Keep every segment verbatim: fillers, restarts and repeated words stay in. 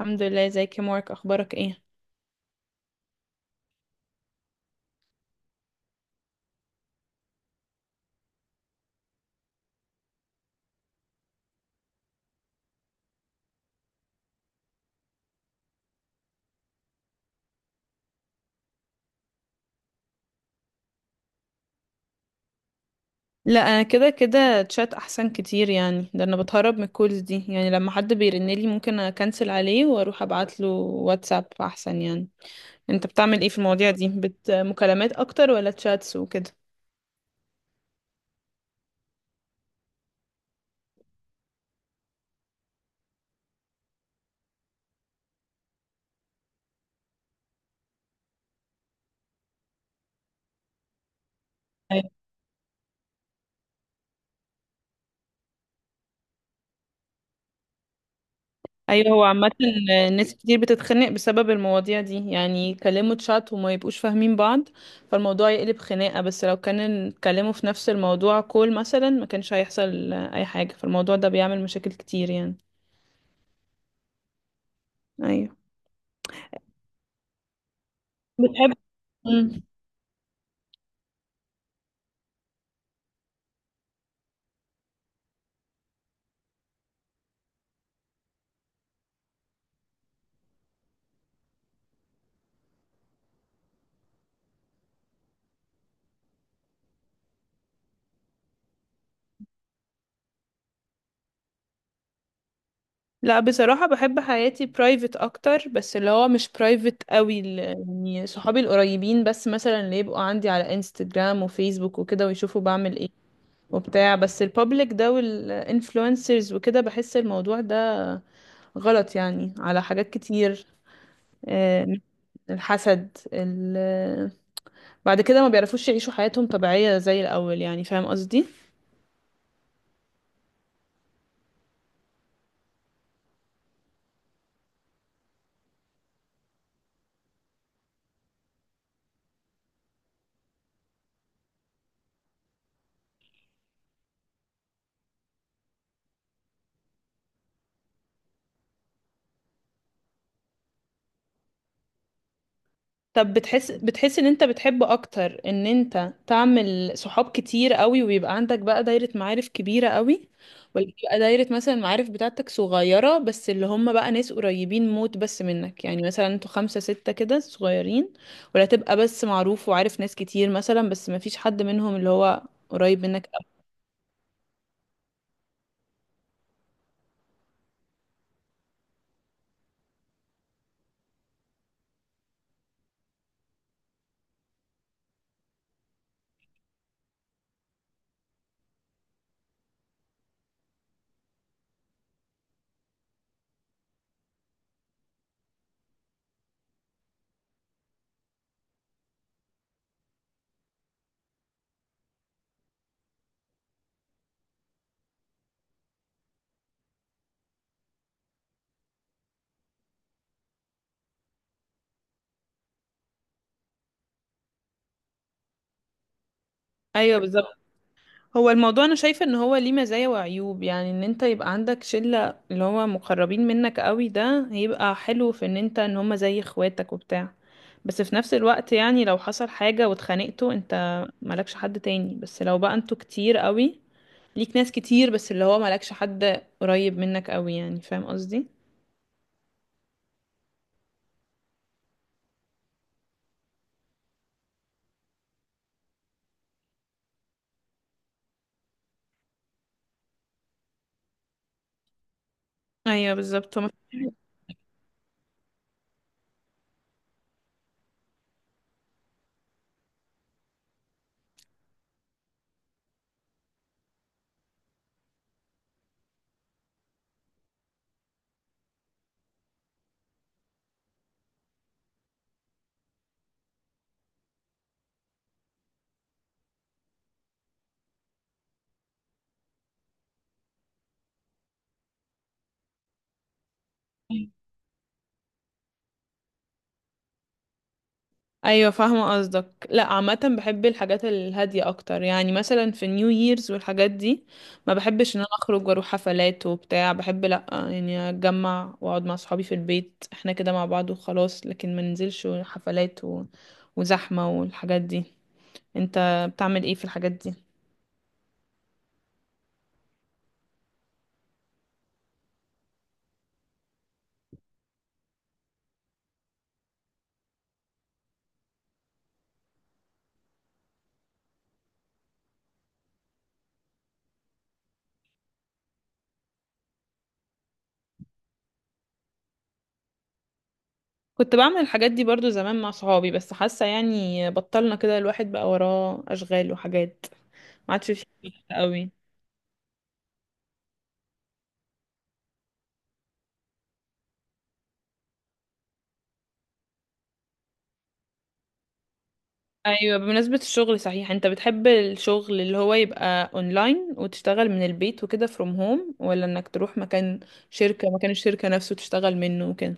الحمد لله، ازيك يا مارك؟ اخبارك ايه؟ لا انا كده كده تشات احسن كتير، يعني ده انا بتهرب من الكولز دي. يعني لما حد بيرنلي ممكن اكنسل عليه واروح ابعت له واتساب احسن يعني. انت بتعمل ايه في المواضيع دي؟ بت مكالمات اكتر ولا تشاتس وكده؟ ايوه. أيوة، هو عامة ناس كتير بتتخنق بسبب المواضيع دي، يعني يكلموا تشات وما يبقوش فاهمين بعض فالموضوع يقلب خناقة. بس لو كان اتكلموا في نفس الموضوع كول مثلا ما كانش هيحصل اي حاجة. فالموضوع ده بيعمل مشاكل كتير يعني. ايوه. بتحب. مم. لا بصراحة بحب حياتي برايفت أكتر، بس اللي هو مش برايفت قوي ال- يعني صحابي القريبين بس، مثلا اللي يبقوا عندي على انستجرام وفيسبوك وكده ويشوفوا بعمل ايه وبتاع. بس البابليك ده والانفلونسرز وكده بحس الموضوع ده غلط يعني على حاجات كتير. آه، الحسد ال... بعد كده ما بيعرفوش يعيشوا حياتهم طبيعية زي الأول. يعني فاهم قصدي؟ طب بتحس بتحس ان انت بتحب اكتر ان انت تعمل صحاب كتير قوي ويبقى عندك بقى دايرة معارف كبيرة قوي، ولا بتبقى دايرة مثلا المعارف بتاعتك صغيرة بس اللي هم بقى ناس قريبين موت بس منك؟ يعني مثلا انتوا خمسة ستة كده صغيرين، ولا تبقى بس معروف وعارف ناس كتير مثلا بس ما فيش حد منهم اللي هو قريب منك قوي؟ ايوه بالظبط. هو الموضوع انا شايفه ان هو ليه مزايا وعيوب، يعني ان انت يبقى عندك شله اللي هو مقربين منك قوي ده هيبقى حلو في ان انت ان هما زي اخواتك وبتاع، بس في نفس الوقت يعني لو حصل حاجه واتخانقتوا انت مالكش حد تاني. بس لو بقى انتوا كتير قوي ليك ناس كتير بس اللي هو مالكش حد قريب منك قوي، يعني فاهم قصدي؟ ايوه بالظبط. هو مفيش. ايوه فاهمه قصدك. لا عامه بحب الحاجات الهاديه اكتر، يعني مثلا في نيو ييرز والحاجات دي ما بحبش ان انا اخرج واروح حفلات وبتاع. بحب لا يعني اتجمع واقعد مع صحابي في البيت احنا كده مع بعض وخلاص، لكن ما ننزلش حفلات و... وزحمه والحاجات دي. انت بتعمل ايه في الحاجات دي؟ كنت بعمل الحاجات دي برضو زمان مع صحابي، بس حاسه يعني بطلنا كده. الواحد بقى وراه اشغال وحاجات، ما عادش فيه قوي. ايوه بمناسبة الشغل، صحيح انت بتحب الشغل اللي هو يبقى اونلاين وتشتغل من البيت وكده فروم هوم، ولا انك تروح مكان شركة مكان الشركة نفسه تشتغل منه وكده؟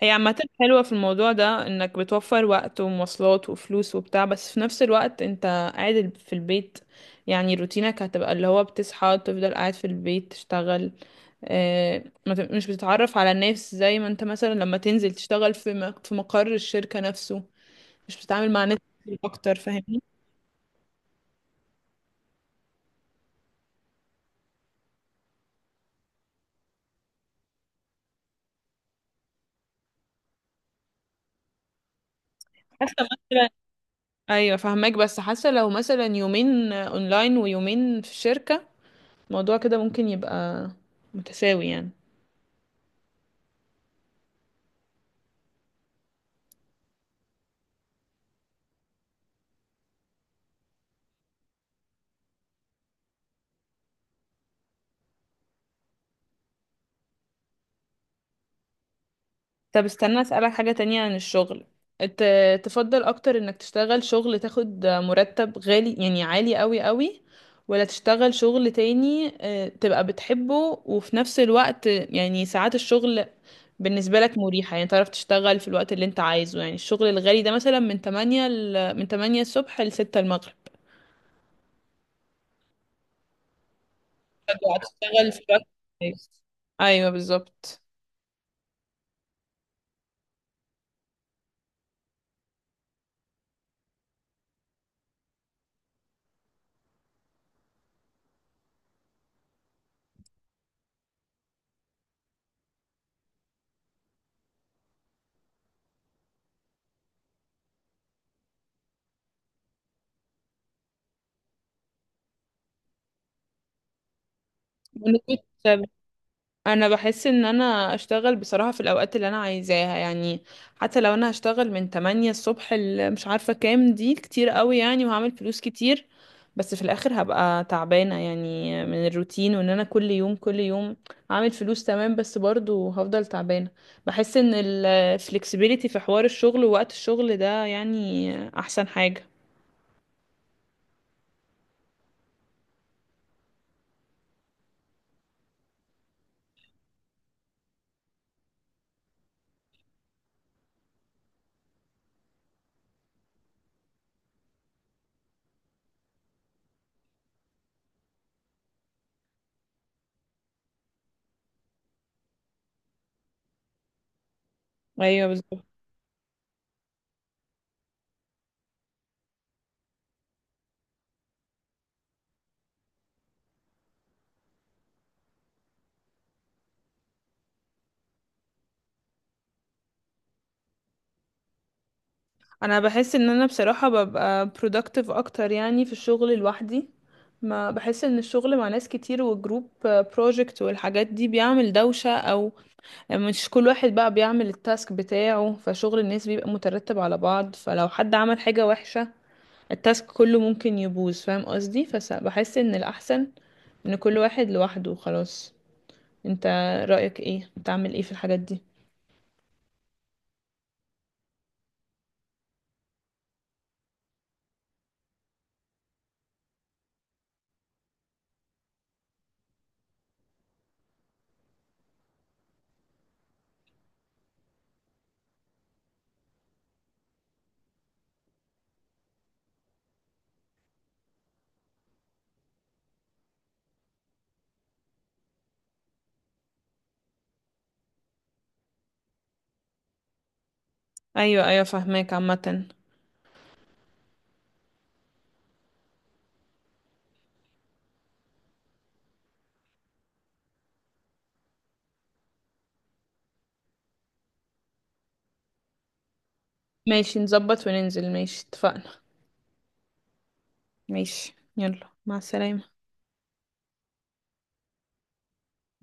هي عامة حلوة في الموضوع ده انك بتوفر وقت ومواصلات وفلوس وبتاع، بس في نفس الوقت انت قاعد في البيت. يعني روتينك هتبقى اللي هو بتصحى تفضل قاعد في البيت تشتغل، آه، ما ت- مش بتتعرف على الناس زي ما انت مثلا لما تنزل تشتغل في مق- في مقر الشركة نفسه. مش بتتعامل مع ناس كتير اكتر، فاهمني؟ حاسه مثلا. ايوه فاهماك، بس حاسه لو مثلا يومين اونلاين ويومين في الشركه الموضوع كده ممكن يبقى متساوي يعني. طب استنى اسالك حاجه تانية عن الشغل. ت... تفضل اكتر انك تشتغل شغل تاخد مرتب غالي يعني عالي قوي قوي، ولا تشتغل شغل تاني آه، تبقى بتحبه وفي نفس الوقت يعني ساعات الشغل بالنسبة لك مريحة، يعني تعرف تشتغل في الوقت اللي انت عايزه؟ يعني الشغل الغالي ده مثلا من تمانية ل... من تمانية الصبح ل ستة المغرب، هتشتغل في الوقت اللي عايزه. ايوه بالظبط. ونسبة انا بحس ان انا اشتغل بصراحة في الاوقات اللي انا عايزاها يعني. حتى لو انا هشتغل من تمانية الصبح ل مش عارفة كام دي كتير قوي يعني، وهعمل فلوس كتير، بس في الاخر هبقى تعبانة يعني من الروتين وان انا كل يوم كل يوم. هعمل فلوس تمام بس برضو هفضل تعبانة. بحس ان ال flexibility في حوار الشغل ووقت الشغل ده يعني احسن حاجة. ايوه بالظبط. انا بحس ان انا بصراحة ببقى productive اكتر يعني في الشغل لوحدي. ما بحس ان الشغل مع ناس كتير والجروب project والحاجات دي بيعمل دوشة، او يعني مش كل واحد بقى بيعمل التاسك بتاعه فشغل الناس بيبقى مترتب على بعض، فلو حد عمل حاجة وحشة التاسك كله ممكن يبوظ، فاهم قصدي؟ فبحس ان الاحسن ان كل واحد لوحده خلاص. انت رأيك ايه؟ بتعمل ايه في الحاجات دي؟ ايوه ايوه فاهماك عامة. ماشي نظبط وننزل، ماشي اتفقنا. ماشي يلا، مع السلامة.